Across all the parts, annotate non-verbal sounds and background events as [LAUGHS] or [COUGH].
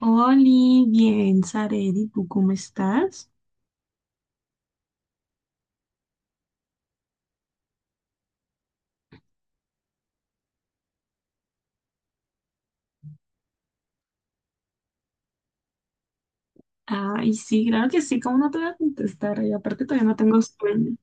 Oli, bien, Saredi, ¿tú cómo estás? Ay, sí, claro que sí, ¿cómo no te voy a contestar? Y aparte todavía no tengo sueño.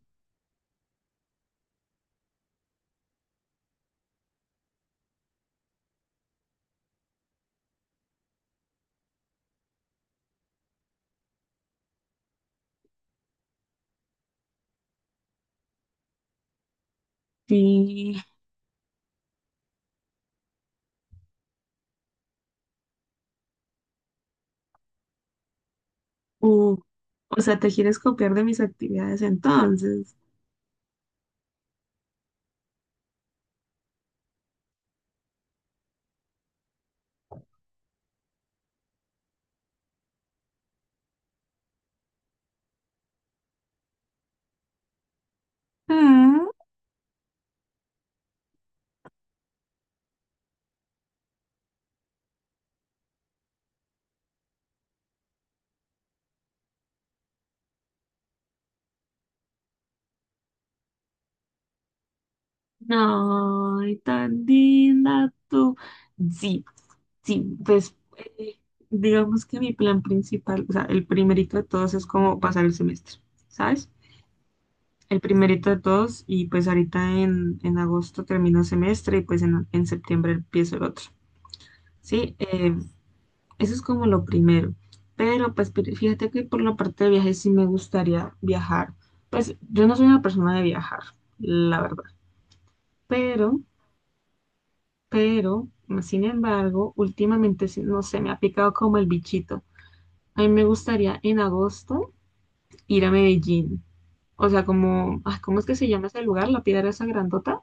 Sí, uh, o sea, ¿te quieres copiar de mis actividades entonces? Ah. Ay, tan linda tú. Sí, sí, pues digamos que mi plan principal, o sea, el primerito de todos es como pasar el semestre, ¿sabes? El primerito de todos y pues ahorita en, agosto termino semestre y pues en septiembre empiezo el otro. Sí, eso es como lo primero. Pero pues fíjate que por la parte de viajes sí me gustaría viajar. Pues yo no soy una persona de viajar, la verdad. Pero, pero, sin embargo, últimamente sí, no sé, me ha picado como el bichito. A mí me gustaría en agosto ir a Medellín. O sea, como, ah, ¿cómo es que se llama ese lugar? La piedra esa grandota.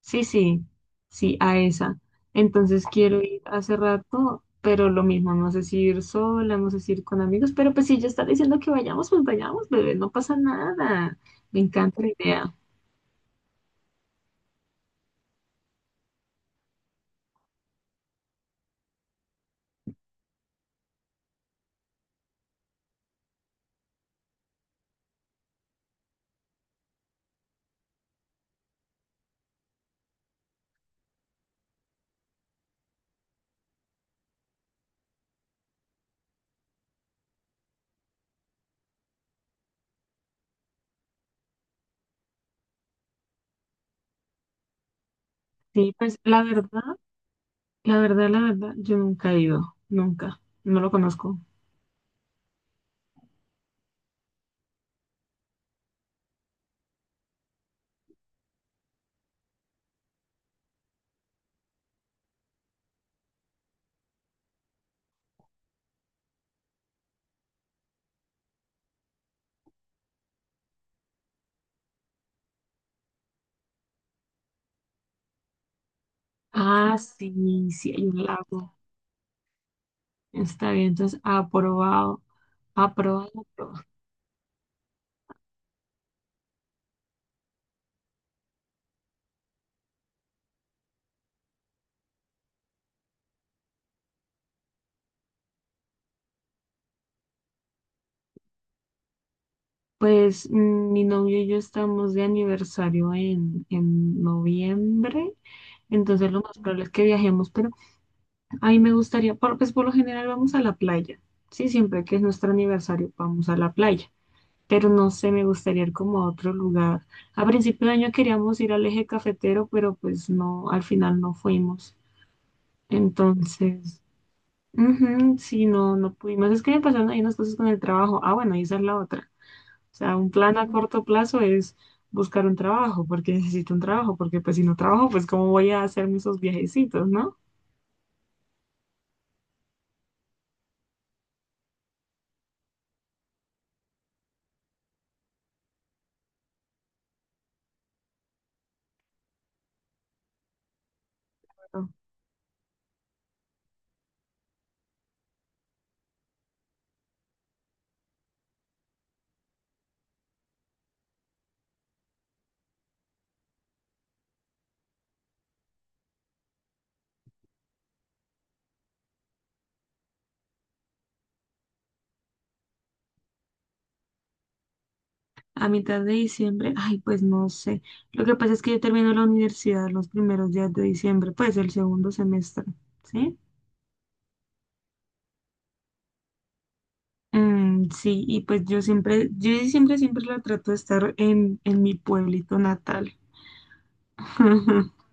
Sí, sí, sí, a esa. Entonces quiero ir hace rato, pero lo mismo, no sé si ir sola, no sé si ir con amigos, pero pues si ella está diciendo que vayamos, pues vayamos, bebé, no pasa nada. Me encanta la idea. Sí, pues la verdad, la verdad, la verdad, yo nunca he ido, nunca, no lo conozco. Ah, sí, sí, hay un lago. Está bien, entonces aprobado, aprobado, aprobado. Pues mi novio y yo estamos de aniversario en, noviembre. Entonces lo más probable es que viajemos, pero ahí me gustaría, pues por lo general vamos a la playa, sí, siempre que es nuestro aniversario vamos a la playa, pero no sé, me gustaría ir como a otro lugar. A principio de año queríamos ir al eje cafetero, pero pues no, al final no fuimos. Entonces, ujú, sí, no, no pudimos. Es que me pasaron ahí unas cosas con el trabajo. Ah, bueno, y esa es la otra. O sea, un plan a corto plazo es buscar un trabajo, porque necesito un trabajo, porque pues si no trabajo, pues cómo voy a hacerme esos viajecitos, ¿no? A mitad de diciembre, ay, pues no sé. Lo que pasa es que yo termino la universidad los primeros días de diciembre, pues el segundo semestre, ¿sí? Mm, sí, y pues yo siempre, yo sí siempre, siempre la trato de estar en, mi pueblito natal. [LAUGHS]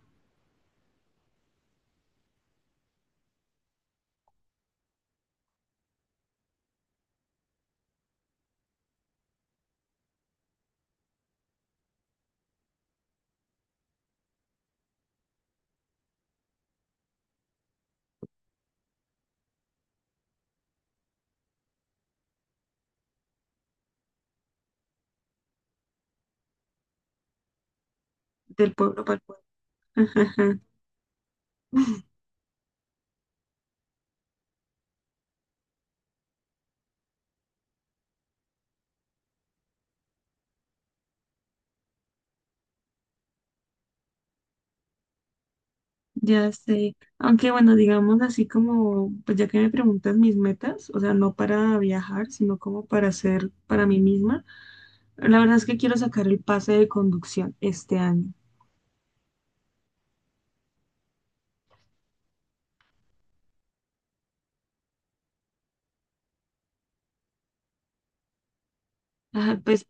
Del pueblo para el pueblo. [LAUGHS] Ya sé, aunque bueno, digamos así como, pues ya que me preguntas mis metas, o sea, no para viajar, sino como para hacer para mí misma, la verdad es que quiero sacar el pase de conducción este año. Ajá, pues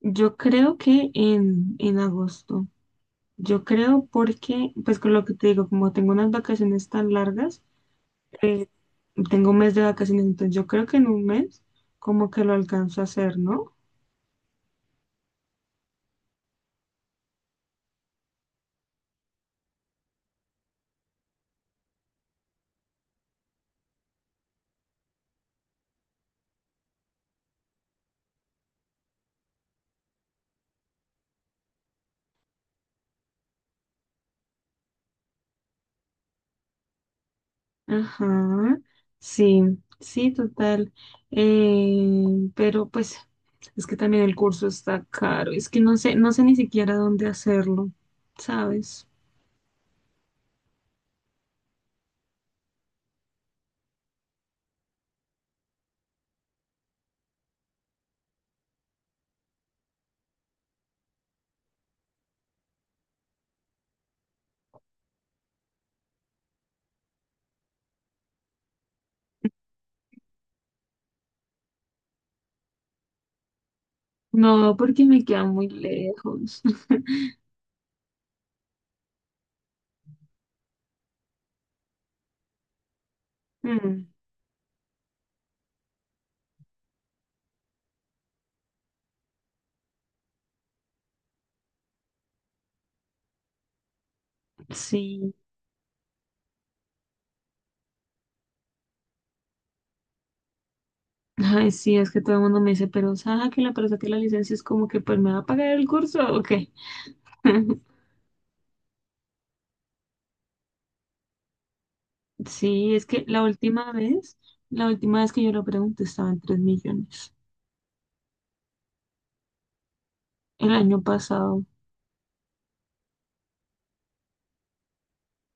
yo creo que en agosto. Yo creo porque, pues con lo que te digo, como tengo unas vacaciones tan largas, eh, tengo un mes de vacaciones, entonces yo creo que en un mes como que lo alcanzo a hacer, ¿no? Ajá, sí, sí, total. Eh, pero pues es que también el curso está caro, es que no sé, no sé ni siquiera dónde hacerlo, ¿sabes? No, porque me queda muy lejos. [LAUGHS] Mm. Sí. Ay, sí, es que todo el mundo me dice, pero Saja, que la persona que la licencia es como que pues me va a pagar el curso, ¿o qué? [LAUGHS] Sí, es que la última vez que yo lo pregunté estaba en 3 millones el año pasado.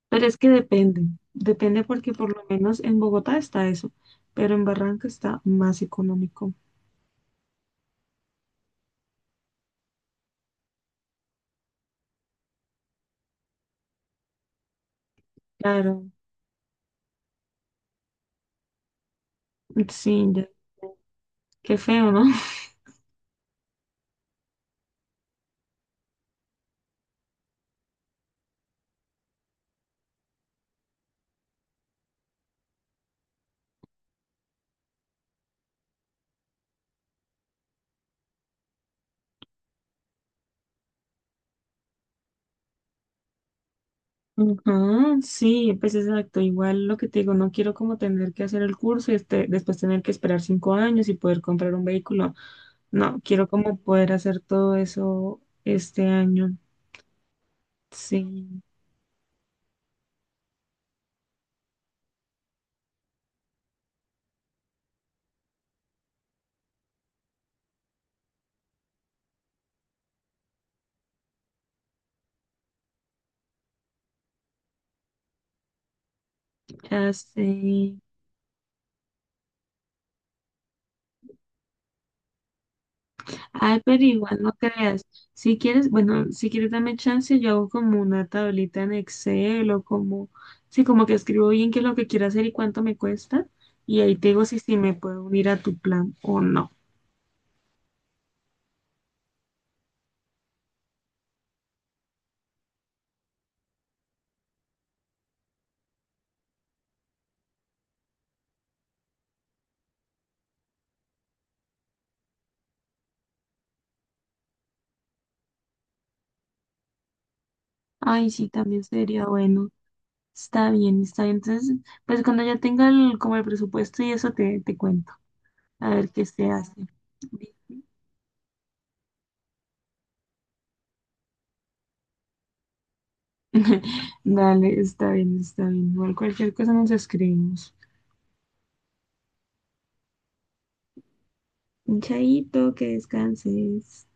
Pero es que depende, depende porque por lo menos en Bogotá está eso, pero en Barranca está más económico. Claro, sí, ya, qué feo, ¿no? [LAUGHS] Ujú, sí, pues exacto. Igual lo que te digo, no quiero como tener que hacer el curso y este, después tener que esperar 5 años y poder comprar un vehículo. No, quiero como poder hacer todo eso este año. Sí, ya sé. Ay, pero igual no creas. Si quieres, bueno, si quieres dame chance, yo hago como una tablita en Excel o como, sí, como que escribo bien qué es lo que quiero hacer y cuánto me cuesta. Y ahí te digo si, si me puedo unir a tu plan o no. Ay, sí, también sería bueno. Está bien, está bien. Entonces, pues cuando ya tenga el, como el presupuesto y eso te, te cuento. A ver qué se hace. [LAUGHS] Dale, está bien, está bien. Igual cualquier cosa nos escribimos. Chaito, que descanses.